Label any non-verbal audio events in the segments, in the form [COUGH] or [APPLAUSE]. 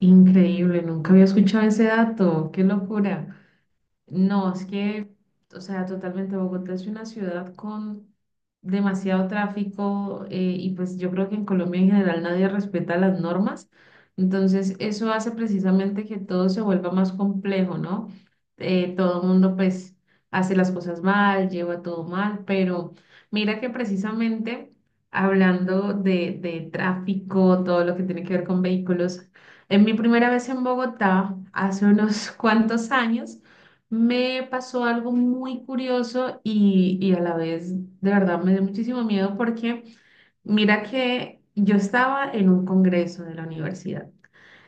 Increíble, nunca había escuchado ese dato, qué locura. No, es que, o sea, totalmente Bogotá es una ciudad con demasiado tráfico y pues yo creo que en Colombia en general nadie respeta las normas. Entonces, eso hace precisamente que todo se vuelva más complejo, ¿no? Todo el mundo pues hace las cosas mal, lleva todo mal, pero mira que precisamente hablando de tráfico, todo lo que tiene que ver con vehículos, en mi primera vez en Bogotá, hace unos [LAUGHS] cuantos años, me pasó algo muy curioso y a la vez de verdad me dio muchísimo miedo porque mira que yo estaba en un congreso de la universidad.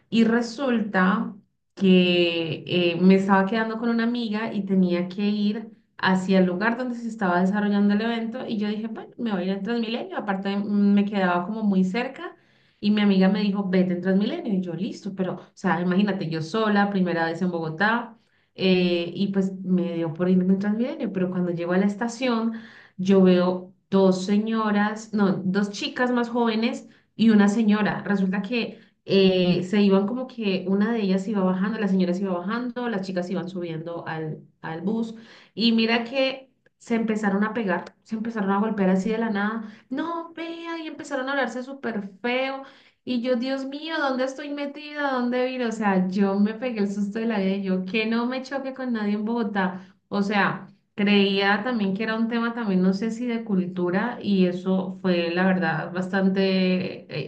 Y resulta que me estaba quedando con una amiga y tenía que ir hacia el lugar donde se estaba desarrollando el evento y yo dije, bueno, me voy a ir en Transmilenio, aparte me quedaba como muy cerca y mi amiga me dijo, vete en Transmilenio y yo listo, pero, o sea, imagínate, yo sola, primera vez en Bogotá y pues me dio por irme en Transmilenio, pero cuando llego a la estación yo veo dos señoras, no, dos chicas más jóvenes y una señora. Resulta que se iban como que una de ellas iba bajando, la señora se iba bajando, las chicas iban subiendo al bus y mira que se empezaron a pegar, se empezaron a golpear así de la nada, no, vea, y empezaron a hablarse súper feo y yo, Dios mío, ¿dónde estoy metida? ¿Dónde vino? O sea, yo me pegué el susto de la vida, y yo que no me choque con nadie en Bogotá, o sea... Creía también que era un tema también, no sé si de cultura, y eso fue, la verdad, bastante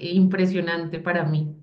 impresionante para mí.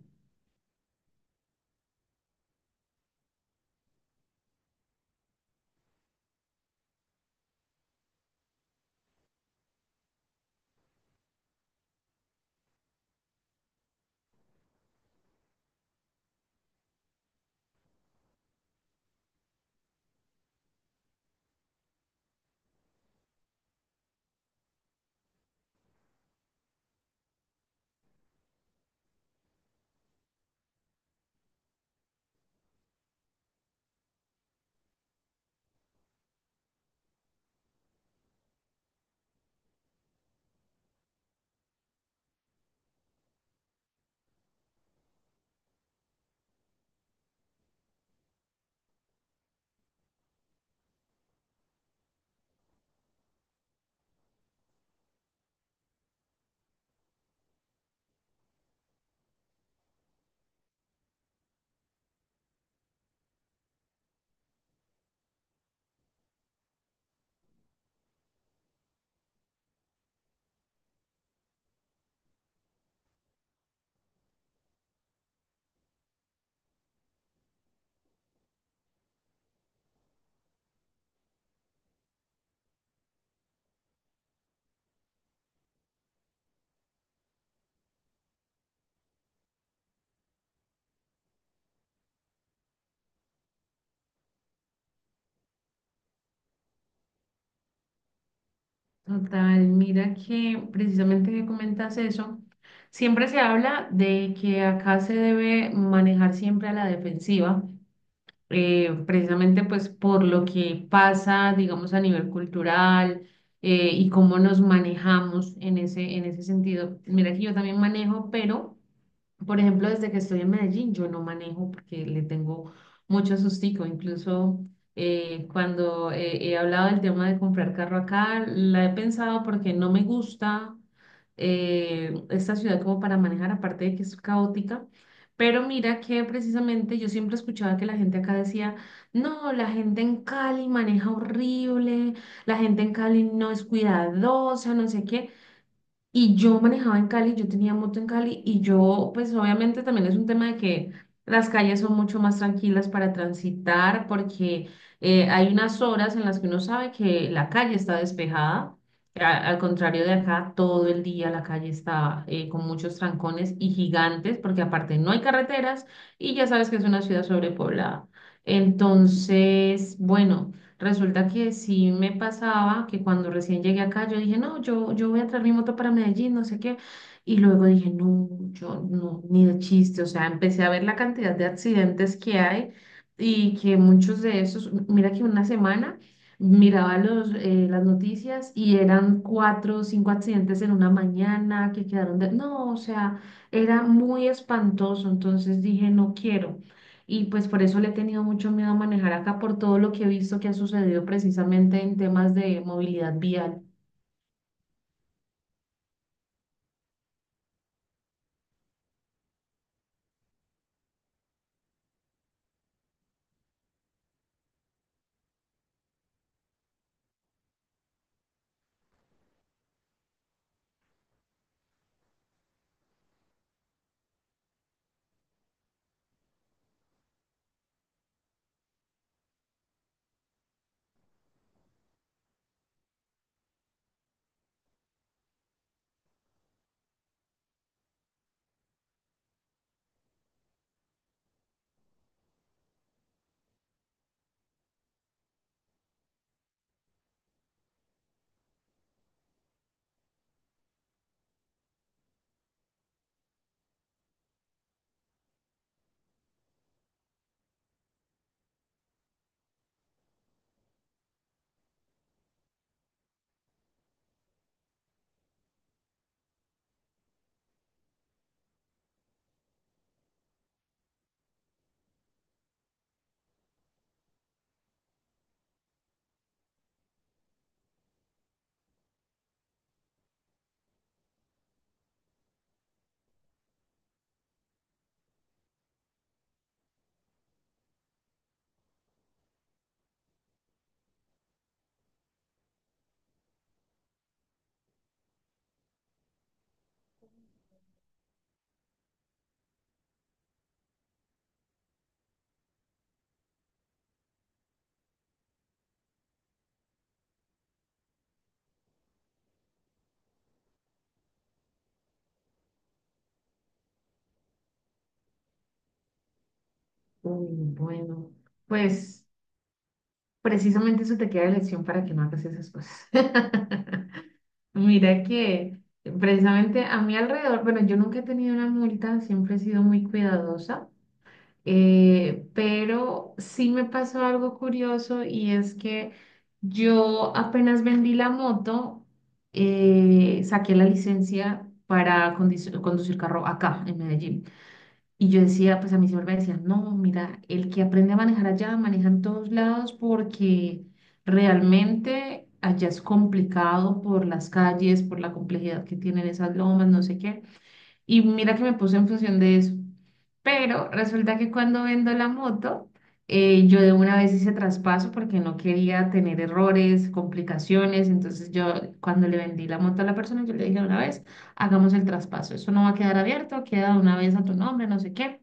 Total, mira que precisamente que comentas eso, siempre se habla de que acá se debe manejar siempre a la defensiva, precisamente pues por lo que pasa, digamos, a nivel cultural y cómo nos manejamos en ese sentido. Mira que yo también manejo, pero, por ejemplo, desde que estoy en Medellín, yo no manejo porque le tengo mucho sustico, incluso... cuando he hablado del tema de comprar carro acá, la he pensado porque no me gusta esta ciudad como para manejar, aparte de que es caótica, pero mira que precisamente yo siempre escuchaba que la gente acá decía, no, la gente en Cali maneja horrible, la gente en Cali no es cuidadosa, no sé qué. Y yo manejaba en Cali, yo tenía moto en Cali y yo, pues obviamente también es un tema de que las calles son mucho más tranquilas para transitar porque hay unas horas en las que uno sabe que la calle está despejada. Al contrario de acá, todo el día la calle está con muchos trancones y gigantes porque aparte no hay carreteras y ya sabes que es una ciudad sobrepoblada. Entonces, bueno. Resulta que sí me pasaba que cuando recién llegué acá, yo dije, no, yo voy a traer mi moto para Medellín, no sé qué. Y luego dije, no, yo no, ni de chiste. O sea, empecé a ver la cantidad de accidentes que hay y que muchos de esos, mira que una semana miraba las noticias y eran cuatro o cinco accidentes en una mañana que quedaron de... No, o sea, era muy espantoso. Entonces dije, no quiero. Y pues por eso le he tenido mucho miedo a manejar acá por todo lo que he visto que ha sucedido precisamente en temas de movilidad vial. Uy, bueno, pues precisamente eso te queda de lección para que no hagas esas cosas. [LAUGHS] Mira que precisamente a mi alrededor, bueno, yo nunca he tenido una multa, siempre he sido muy cuidadosa. Pero sí me pasó algo curioso y es que yo apenas vendí la moto, saqué la licencia para conducir carro acá en Medellín. Y yo decía, pues a mí siempre me decían, no, mira, el que aprende a manejar allá, maneja en todos lados porque realmente allá es complicado por las calles, por la complejidad que tienen esas lomas, no sé qué. Y mira que me puse en función de eso. Pero resulta que cuando vendo la moto, yo de una vez hice traspaso porque no quería tener errores, complicaciones. Entonces yo cuando le vendí la moto a la persona, yo le dije de una vez, hagamos el traspaso. Eso no va a quedar abierto, queda de una vez a tu nombre, no sé qué.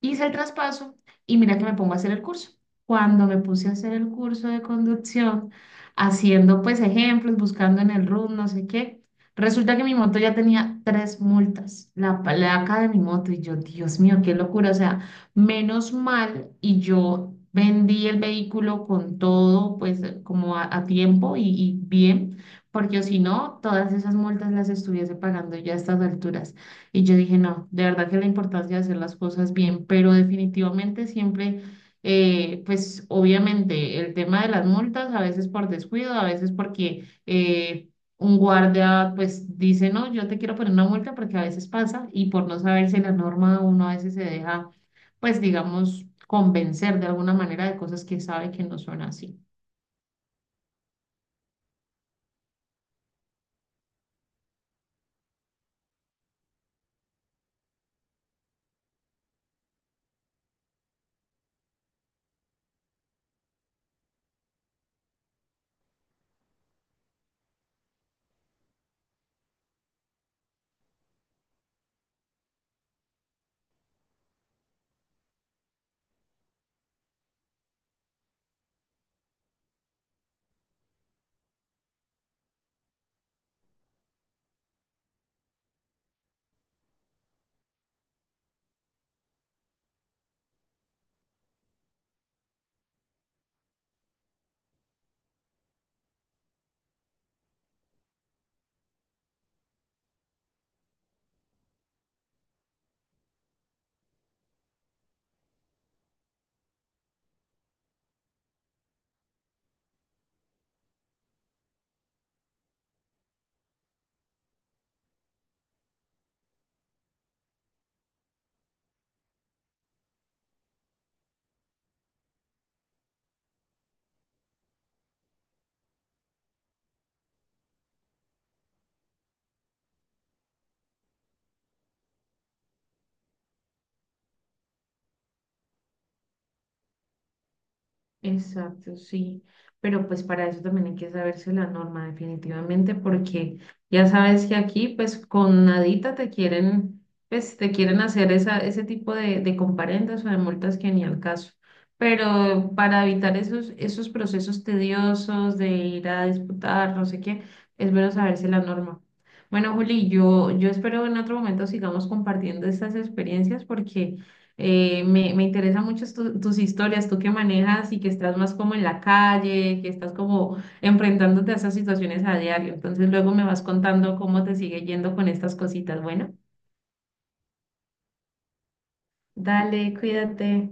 Hice el traspaso y mira que me pongo a hacer el curso. Cuando me puse a hacer el curso de conducción, haciendo pues ejemplos, buscando en el RUN, no sé qué, resulta que mi moto ya tenía tres multas, la placa de mi moto y yo, Dios mío, qué locura, o sea, menos mal y yo vendí el vehículo con todo pues como a tiempo y bien, porque si no, todas esas multas las estuviese pagando ya a estas alturas. Y yo dije, no, de verdad que la importancia de hacer las cosas bien, pero definitivamente siempre, pues obviamente el tema de las multas, a veces por descuido, a veces porque un guardia pues dice, no, yo te quiero poner una multa porque a veces pasa y por no saberse la norma uno a veces se deja, pues digamos, convencer de alguna manera de cosas que sabe que no son así. Exacto, sí. Pero pues para eso también hay que saberse la norma definitivamente, porque ya sabes que aquí pues con nadita te quieren, pues te quieren hacer esa, ese tipo de comparendas o de multas que ni al caso. Pero para evitar esos, esos procesos tediosos de ir a disputar, no sé qué, es bueno saberse la norma. Bueno, Juli, yo espero en otro momento sigamos compartiendo estas experiencias porque... me interesa mucho tus historias, tú que manejas y que estás más como en la calle, que estás como enfrentándote a esas situaciones a diario. Entonces luego me vas contando cómo te sigue yendo con estas cositas. Bueno, dale, cuídate.